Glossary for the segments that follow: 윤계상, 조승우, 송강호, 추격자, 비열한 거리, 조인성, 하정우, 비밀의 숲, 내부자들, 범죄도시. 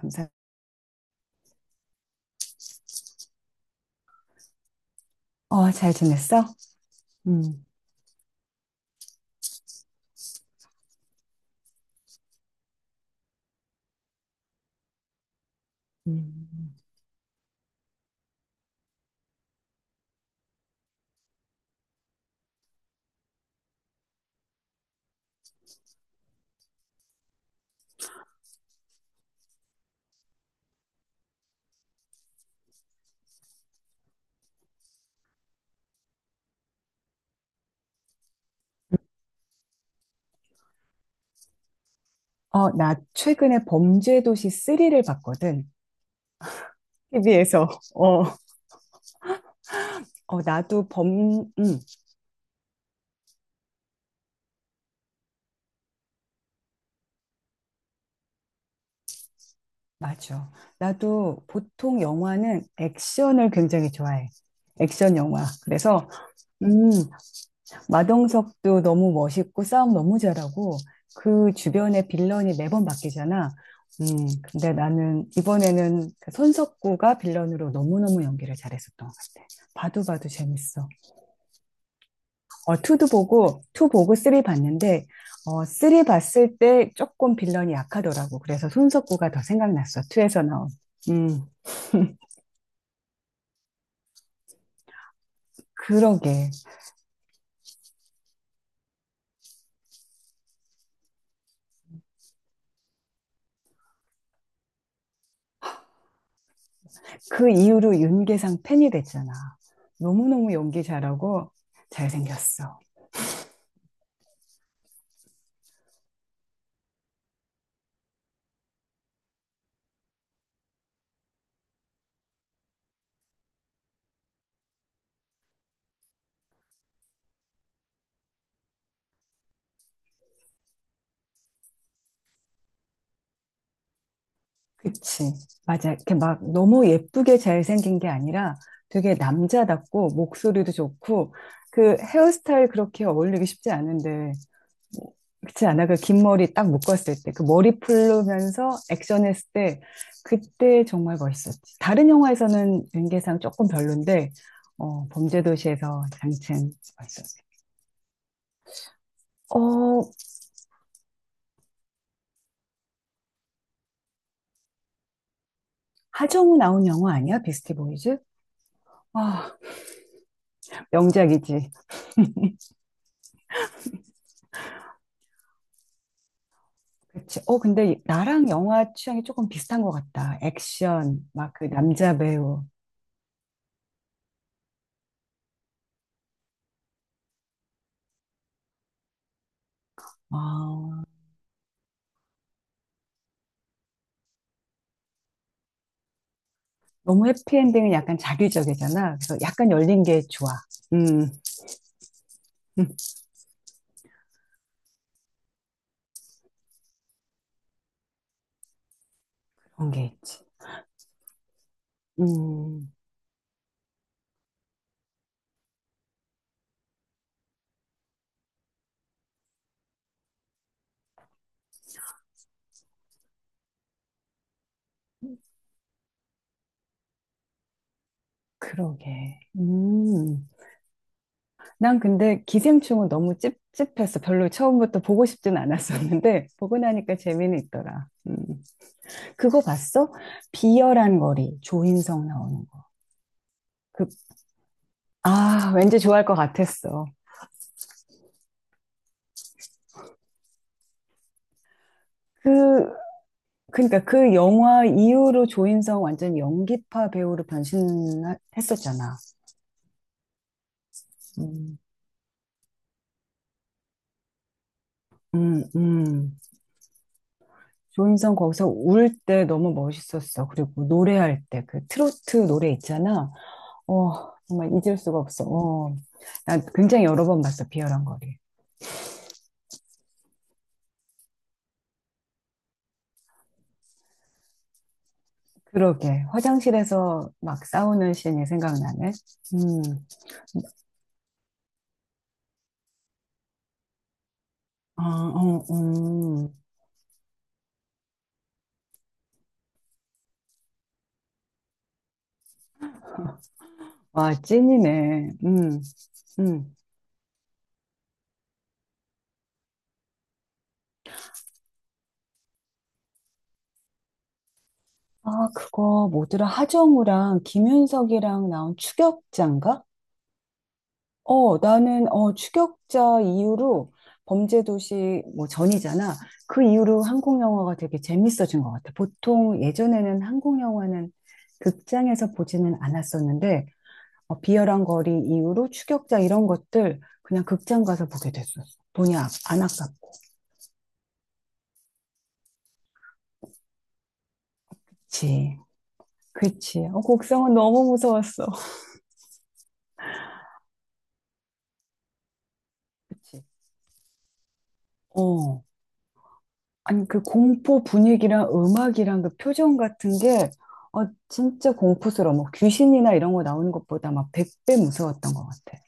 감사. 어, 잘 지냈어? 음. 음. 어, 나 최근에 범죄도시 3를 봤거든. TV에서. 어, 어, 나도 범, 음, 맞아. 나도 보통 영화는 액션을 굉장히 좋아해. 액션 영화. 음, 마동석도 너무 멋있고 싸움 너무 잘하고 그 주변에 빌런이 매번 바뀌잖아. 음, 근데 나는 이번에는 그 손석구가 빌런으로 너무너무 연기를 잘했었던 것 같아. 봐도 봐도 재밌어. 어, 2도 보고, 2 보고 3 봤는데, 어, 3 봤을 때 조금 빌런이 약하더라고. 그래서 손석구가 더 생각났어, 2에서 나온. 음, 그러게. 그 이후로 윤계상 팬이 됐잖아. 너무너무 연기 잘하고 잘생겼어. 그치. 맞아. 이렇게 막 너무 예쁘게 잘생긴 게 아니라 되게 남자답고 목소리도 좋고 그 헤어스타일 그렇게 어울리기 쉽지 않은데 뭐, 그렇지 않아? 그 긴 머리 딱 묶었을 때 그 머리 풀면서 액션했을 때 그때 정말 멋있었지. 다른 영화에서는 연기상 조금 별론데 어, 범죄도시에서 장첸 멋있었어. 어, 하정우 나온 영화 아니야? 비스티 보이즈? 아, 명작이지. 그치. 어, 근데 나랑 영화 취향이 조금 비슷한 것 같다. 액션, 막 그 남자 배우. 아, 너무 해피엔딩은 약간 자기적이잖아. 그래서 약간 열린 게 좋아. 음, 음, 그런 게 있지. 음, 그러게. 난 근데 기생충은 너무 찝찝했어. 별로 처음부터 보고 싶진 않았었는데, 보고 나니까 재미는 있더라. 그거 봤어? 비열한 거리, 조인성 나오는 거. 그, 아, 왠지 좋아할 것 같았어. 그 그러니까 그 영화 이후로 조인성 완전 연기파 배우로 변신했었잖아. 음, 음, 음. 조인성 거기서 울 때 너무 멋있었어. 그리고 노래할 때 그 트로트 노래 있잖아. 어, 정말 잊을 수가 없어. 어. 나 굉장히 여러 번 봤어, 비열한 거리. 그러게. 화장실에서 막 싸우는 씬이 생각나네. 음, 아, 어, 음. 와, 찐이네. 음. 아, 그거 뭐더라? 하정우랑 김윤석이랑 나온 추격자인가? 어, 나는 추격자 이후로 범죄도시 뭐 전이잖아. 그 이후로 한국 영화가 되게 재밌어진 것 같아. 보통 예전에는 한국 영화는 극장에서 보지는 않았었는데 어, 비열한 거리 이후로 추격자 이런 것들 그냥 극장 가서 보게 됐었어. 안 아깝고. 그치. 그치. 어, 곡성은 너무 무서웠어. 그치. 어. 아니, 그 공포 분위기랑 음악이랑 그 표정 같은 게, 어, 진짜 공포스러워. 뭐 귀신이나 이런 거 나오는 것보다 막 100배 무서웠던 것 같아.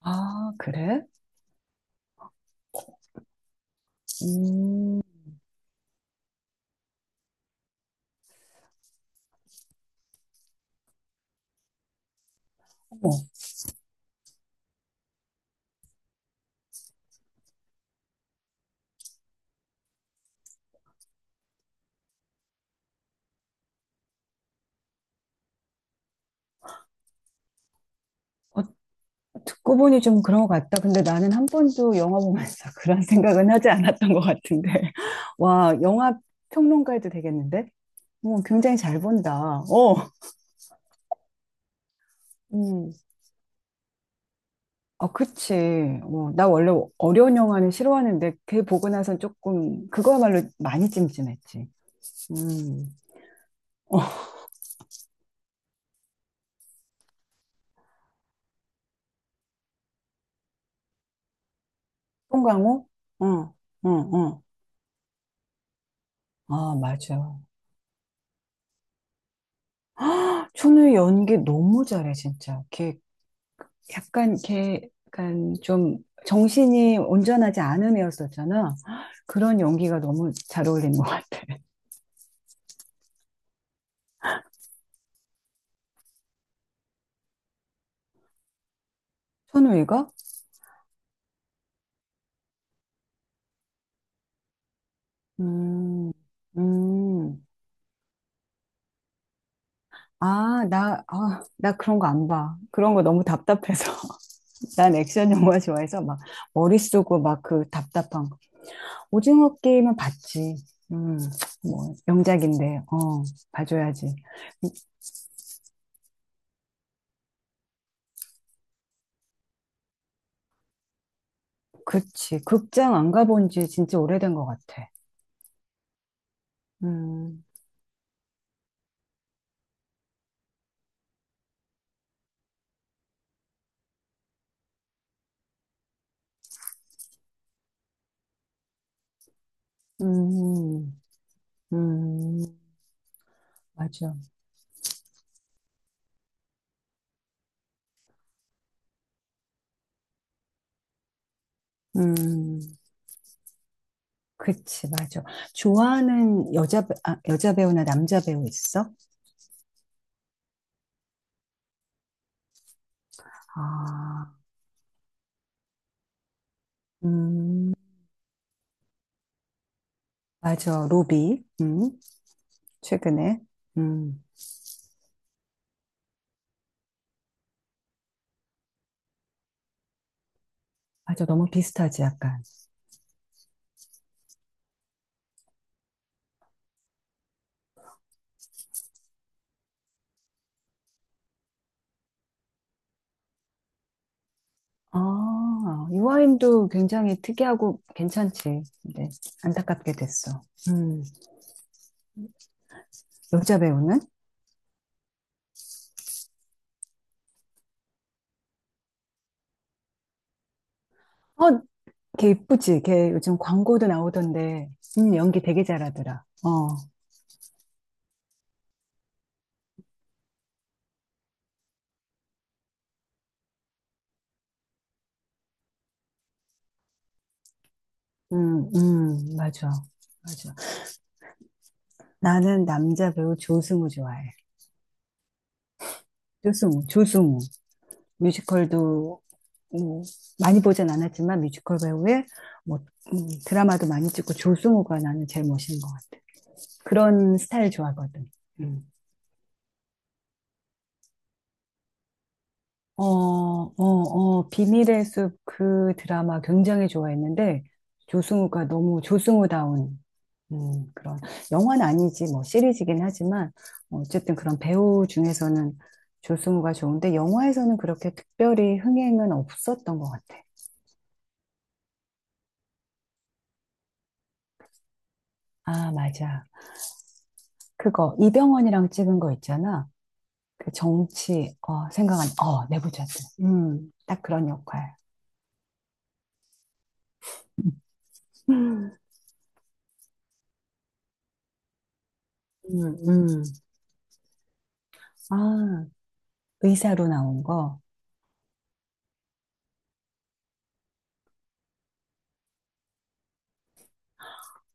아, 그래? 음, 어머. 어, 듣고 보니 좀 그런 것 같다. 근데 나는 한 번도 영화 보면서 그런 생각은 하지 않았던 것 같은데. 와, 영화 평론가에도 되겠는데? 어, 굉장히 잘 본다. 음. 어, 그치. 어, 나 원래 어려운 영화는 싫어하는데 걔 보고 나선 조금 그거야말로 많이 찜찜했지. 음. 어, 송강호? 응, 응, 응. 아, 맞아. 춘우의 연기 너무 잘해, 진짜. 걔 약간 좀 정신이 온전하지 않은 애였었잖아. 그런 연기가 너무 잘 어울리는 것 같아. 춘우이가? 음, 음. 나 그런 거 안 봐. 그런 거 너무 답답해서. 난 액션 영화 좋아해서 막 머리 쓰고 막 그 답답한 거. 오징어 게임은 봤지. 음, 뭐 명작인데 봐줘야지. 그치. 극장 안 가본 지 진짜 오래된 것 같아. 음, 음, 음, 음. 맞아. 음, 그치, 맞아. 아, 여자 배우나 남자 배우 있어? 아, 음, 맞아. 로비. 최근에. 음, 맞아. 너무 비슷하지, 약간. 아, 유아인도 굉장히 특이하고 괜찮지. 근데 안타깝게 됐어. 음, 여자 배우는? 어, 걔 이쁘지. 걔 요즘 광고도 나오던데. 연기 되게 잘하더라. 맞아. 맞아. 나는 남자 배우 조승우 좋아해. 조승우. 뮤지컬도 뭐 많이 보진 않았지만 뮤지컬 배우에 뭐 음, 드라마도 많이 찍고 조승우가 나는 제일 멋있는 것 같아. 그런 스타일 좋아하거든. 음. 비밀의 숲 그 드라마 굉장히 좋아했는데, 조승우가 너무 조승우다운, 그런, 영화는 아니지, 뭐, 시리즈긴 하지만, 어쨌든 그런 배우 중에서는 조승우가 좋은데, 영화에서는 그렇게 특별히 흥행은 없었던 것 같아. 아, 맞아. 그거, 이병헌이랑 찍은 거 있잖아. 그 정치, 어, 생각한, 어, 내부자들. 딱 그런 역할. 음, 음. 아, 의사로 나온 거.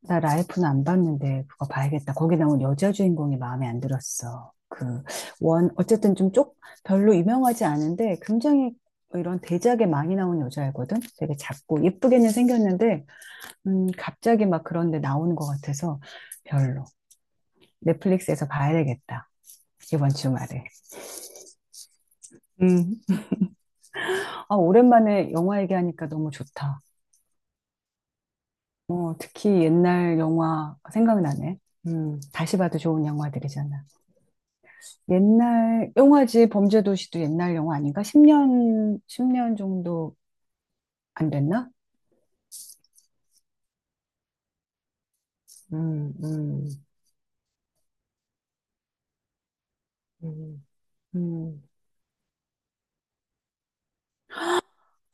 나 라이프는 안 봤는데 그거 봐야겠다. 거기 나온 여자 주인공이 마음에 안 들었어. 그 원, 어쨌든 좀 쪽, 별로 유명하지 않은데 굉장히 뭐 이런 대작에 많이 나온 여자애거든. 되게 작고 예쁘게는 생겼는데 갑자기 막 그런데 나오는 것 같아서 별로. 넷플릭스에서 봐야 되겠다. 이번 주말에. 음. 아, 오랜만에 영화 얘기하니까 너무 좋다. 어, 특히 옛날 영화 생각나네. 다시 봐도 좋은 영화들이잖아. 옛날 영화지 범죄도시도 옛날 영화 아닌가? 10년, 십년 정도 안 됐나? 음, 음, 음, 음.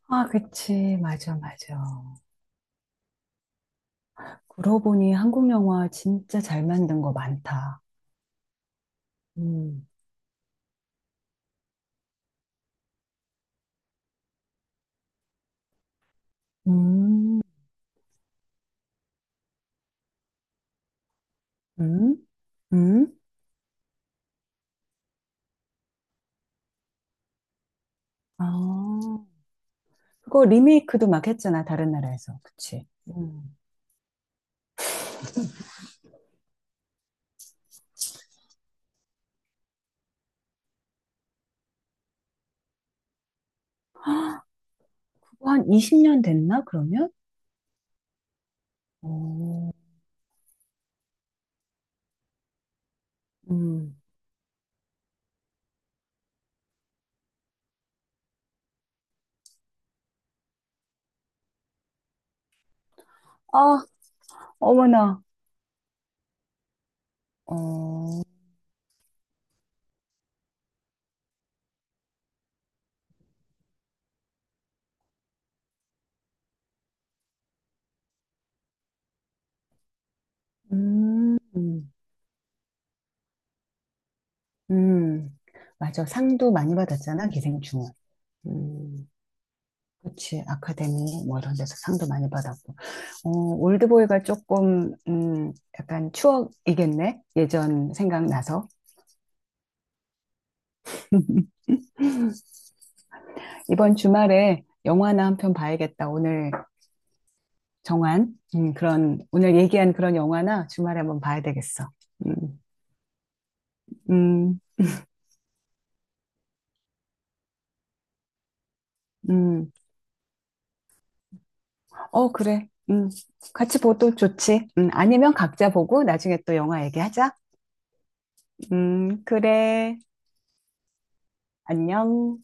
아, 그치. 맞아, 맞아. 그러고 보니 한국 영화 진짜 잘 만든 거 많다. 음. 음, 음, 음. 아, 그거 리메이크도 막 했잖아, 다른 나라에서. 그치. 음. 그거 한 20년 됐나, 그러면? 오, 음. 아, 어머나. 어, 음. 음, 맞아. 상도 많이 받았잖아, 기생충은. 음, 그치. 아카데미, 뭐 이런 데서 상도 많이 받았고. 올드보이가 조금, 약간 추억이겠네? 예전 생각나서. 이번 주말에 영화나 한 편 봐야겠다. 오늘 얘기한 그런 영화나 주말에 한번 봐야 되겠어. 음, 음, 음. 어, 그래. 같이 보도 좋지. 아니면 각자 보고 나중에 또 영화 얘기하자. 그래. 안녕.